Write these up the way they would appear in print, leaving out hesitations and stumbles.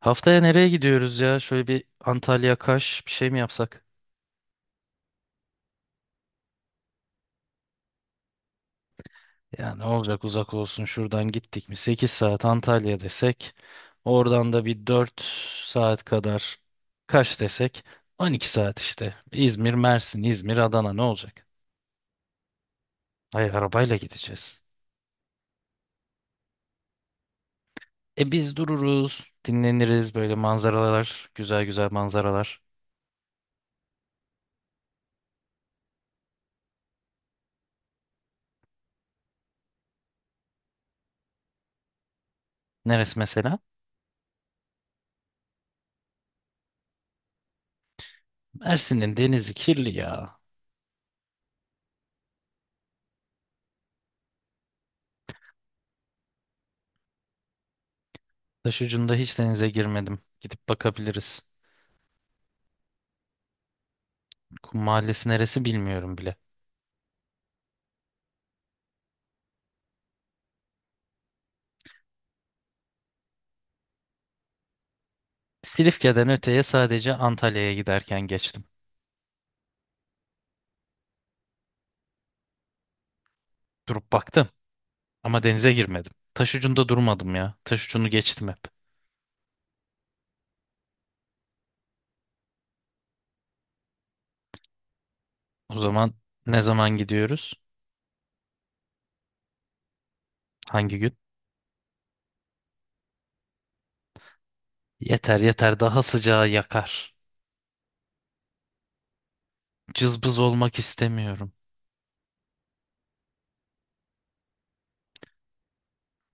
Haftaya nereye gidiyoruz ya? Şöyle bir Antalya Kaş bir şey mi yapsak? Ya ne olacak, uzak olsun, şuradan gittik mi 8 saat Antalya desek, oradan da bir 4 saat kadar Kaş desek, 12 saat işte. İzmir, Mersin, İzmir, Adana ne olacak? Hayır, arabayla gideceğiz. E biz dururuz, dinleniriz, böyle manzaralar, güzel güzel manzaralar. Neresi mesela? Mersin'in denizi kirli ya. Taşucunda hiç denize girmedim. Gidip bakabiliriz. Kum Mahallesi neresi bilmiyorum bile. Silifke'den öteye sadece Antalya'ya giderken geçtim. Durup baktım ama denize girmedim. Taş ucunda durmadım ya. Taş ucunu geçtim hep. O zaman ne zaman gidiyoruz? Hangi gün? Yeter yeter, daha sıcağı yakar. Cızbız olmak istemiyorum.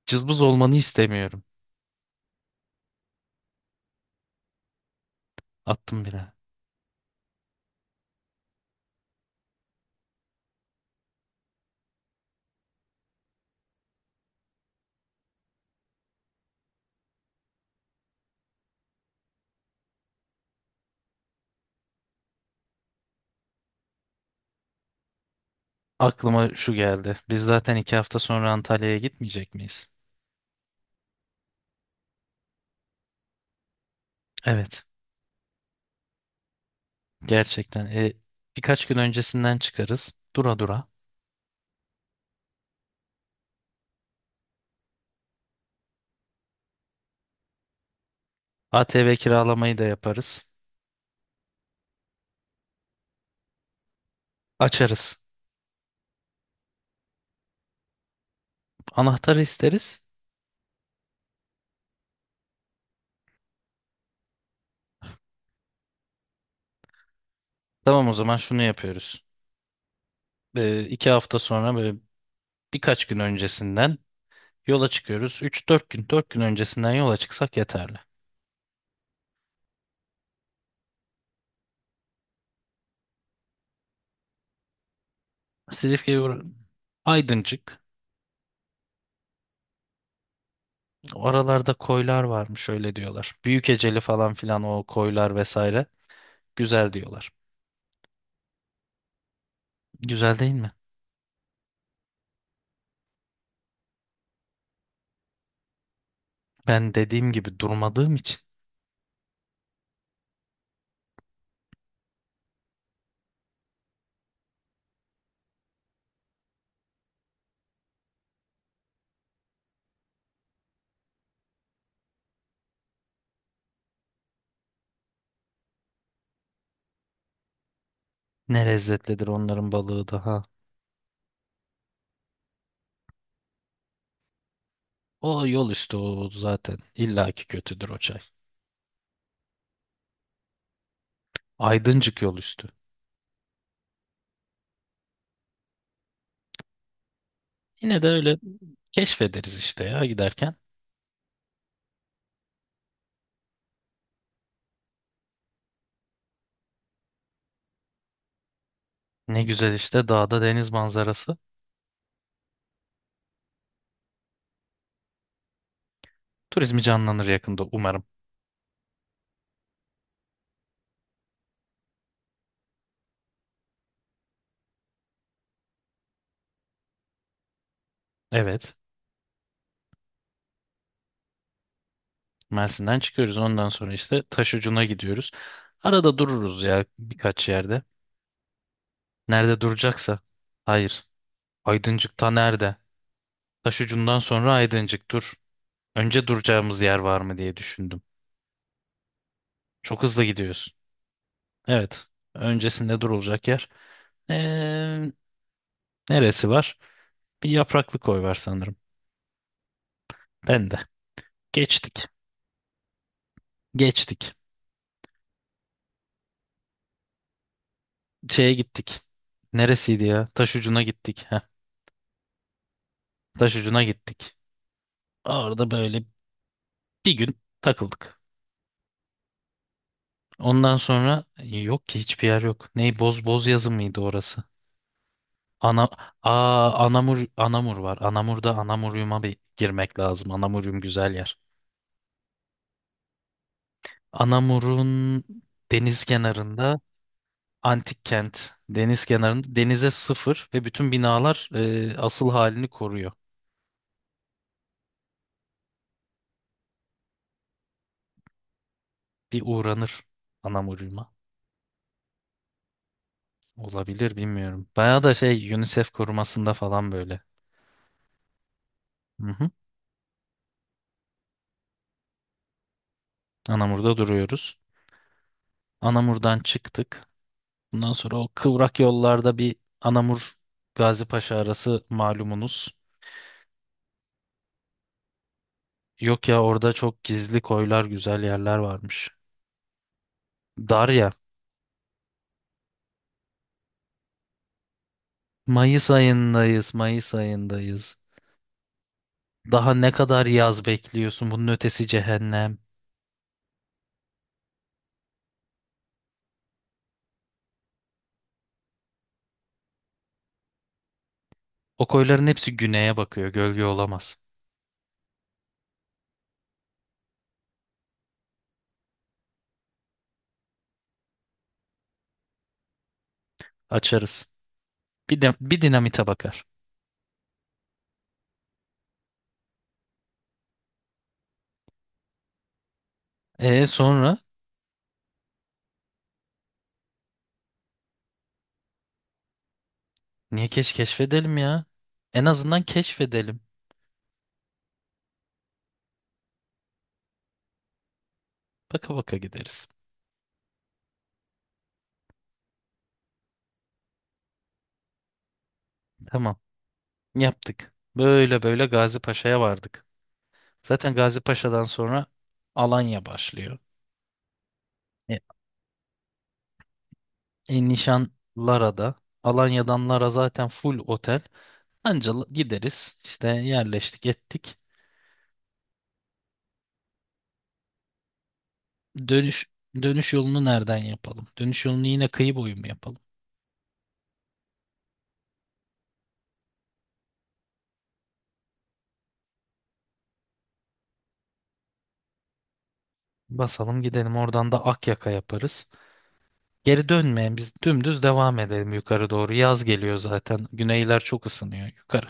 Cızbız olmanı istemiyorum. Attım bile. Aklıma şu geldi. Biz zaten 2 hafta sonra Antalya'ya gitmeyecek miyiz? Evet. Gerçekten. E, birkaç gün öncesinden çıkarız. Dura dura. ATV kiralamayı da yaparız. Açarız. Anahtarı isteriz. Tamam, o zaman şunu yapıyoruz. 2 hafta sonra böyle birkaç gün öncesinden yola çıkıyoruz. 3-4 gün, 4 gün öncesinden yola çıksak yeterli. Silifke, Aydıncık. Oralarda koylar varmış, öyle diyorlar. Büyükeceli falan filan, o koylar vesaire. Güzel diyorlar. Güzel değil mi? Ben dediğim gibi durmadığım için. Ne lezzetlidir onların balığı da ha. O yol üstü o zaten. İlla ki kötüdür o çay. Aydıncık yol üstü. Yine de öyle keşfederiz işte ya, giderken. Ne güzel işte, dağda deniz manzarası. Turizmi canlanır yakında umarım. Evet. Mersin'den çıkıyoruz. Ondan sonra işte Taşucu'na gidiyoruz. Arada dururuz ya birkaç yerde. Nerede duracaksa. Hayır. Aydıncık'ta nerede? Taşucu'ndan sonra Aydıncık, dur. Önce duracağımız yer var mı diye düşündüm. Çok hızlı gidiyorsun. Evet. Öncesinde durulacak yer. Ee, Neresi var? Bir yapraklı koy var sanırım. Ben de. Geçtik. Geçtik. Şeye gittik. Neresiydi ya? Taş ucuna gittik. Heh. Taş ucuna gittik. Orada böyle bir gün takıldık. Ondan sonra yok ki, hiçbir yer yok. Ney boz boz yazı mıydı orası? Ana Anamur var. Anamur'da Anamurium'a bir girmek lazım. Anamurium güzel yer. Anamur'un deniz kenarında antik kent, deniz kenarında, denize sıfır ve bütün binalar asıl halini koruyor. Bir uğranır Anamur'uma. Olabilir, bilmiyorum. Bayağı da şey, UNICEF korumasında falan böyle. Hı hı. Anamur'da duruyoruz. Anamur'dan çıktık. Bundan sonra o kıvrak yollarda bir Anamur Gazipaşa arası malumunuz. Yok ya, orada çok gizli koylar, güzel yerler varmış. Darya. Mayıs ayındayız, Mayıs ayındayız. Daha ne kadar yaz bekliyorsun? Bunun ötesi cehennem. O koyların hepsi güneye bakıyor. Gölge olamaz. Açarız. Bir, de, bir dinamite bakar. E sonra niye keşfedelim ya? En azından keşfedelim. Baka baka gideriz. Tamam. Yaptık. Böyle böyle Gazi Paşa'ya vardık. Zaten Gazi Paşa'dan sonra Alanya başlıyor. E, e, Nişan Lara'da. Alanya'dan Lara zaten full otel. Anca gideriz. İşte yerleştik ettik. Dönüş dönüş yolunu nereden yapalım? Dönüş yolunu yine kıyı boyu mu yapalım? Basalım gidelim, oradan da Akyaka yaparız. Geri dönmeyen biz dümdüz devam edelim yukarı doğru. Yaz geliyor zaten. Güneyler çok ısınıyor yukarı.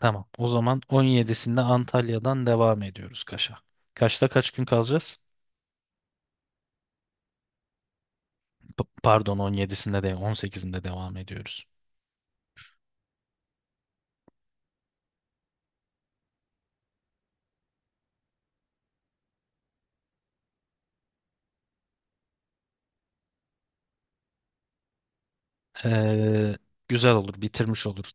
Tamam. O zaman 17'sinde Antalya'dan devam ediyoruz Kaş'a. Kaş'ta kaç gün kalacağız? Pardon, 17'sinde değil, 18'inde devam ediyoruz. Ee, Güzel olur, bitirmiş olur.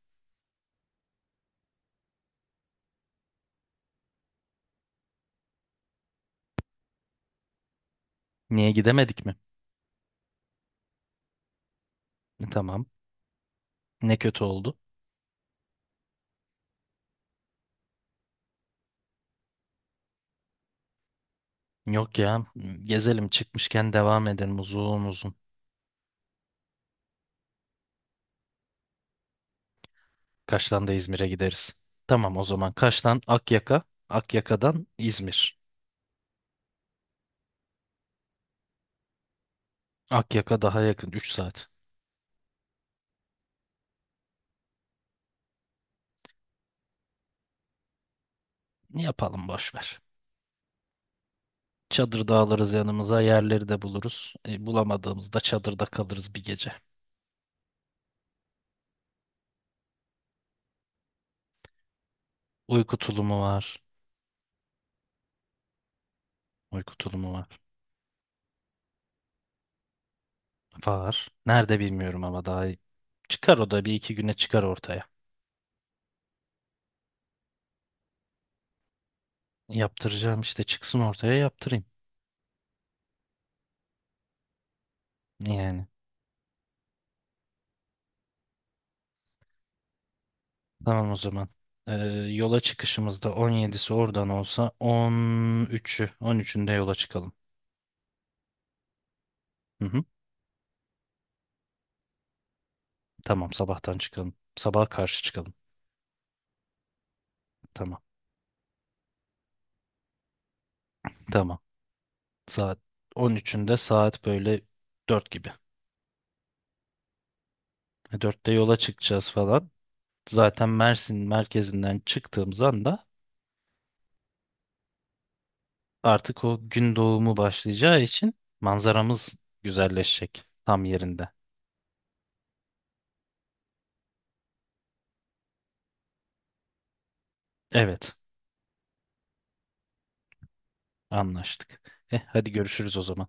Niye gidemedik mi? Tamam. Ne kötü oldu. Yok ya. Gezelim çıkmışken devam edelim uzun uzun. Kaş'tan da İzmir'e gideriz. Tamam, o zaman Kaş'tan Akyaka, Akyaka'dan İzmir. Akyaka daha yakın, 3 saat. Yapalım, boş ver. Çadır da alırız yanımıza, yerleri de buluruz. E, bulamadığımızda çadırda kalırız bir gece. Uyku tulumu var. Uyku tulumu var. Var. Nerede bilmiyorum ama daha iyi. Çıkar o da, bir iki güne çıkar ortaya. Yaptıracağım işte, çıksın ortaya yaptırayım. Yani. Tamam o zaman. Ee, Yola çıkışımızda 17'si oradan olsa 13'ü 13'ünde yola çıkalım. Hı hı. Tamam sabahtan çıkalım. Sabaha karşı çıkalım. Tamam. Tamam. Saat 13'ünde saat böyle 4 gibi. E, 4'te yola çıkacağız falan. Zaten Mersin merkezinden çıktığımız anda artık o gün doğumu başlayacağı için manzaramız güzelleşecek tam yerinde. Evet, anlaştık. Eh, hadi görüşürüz o zaman.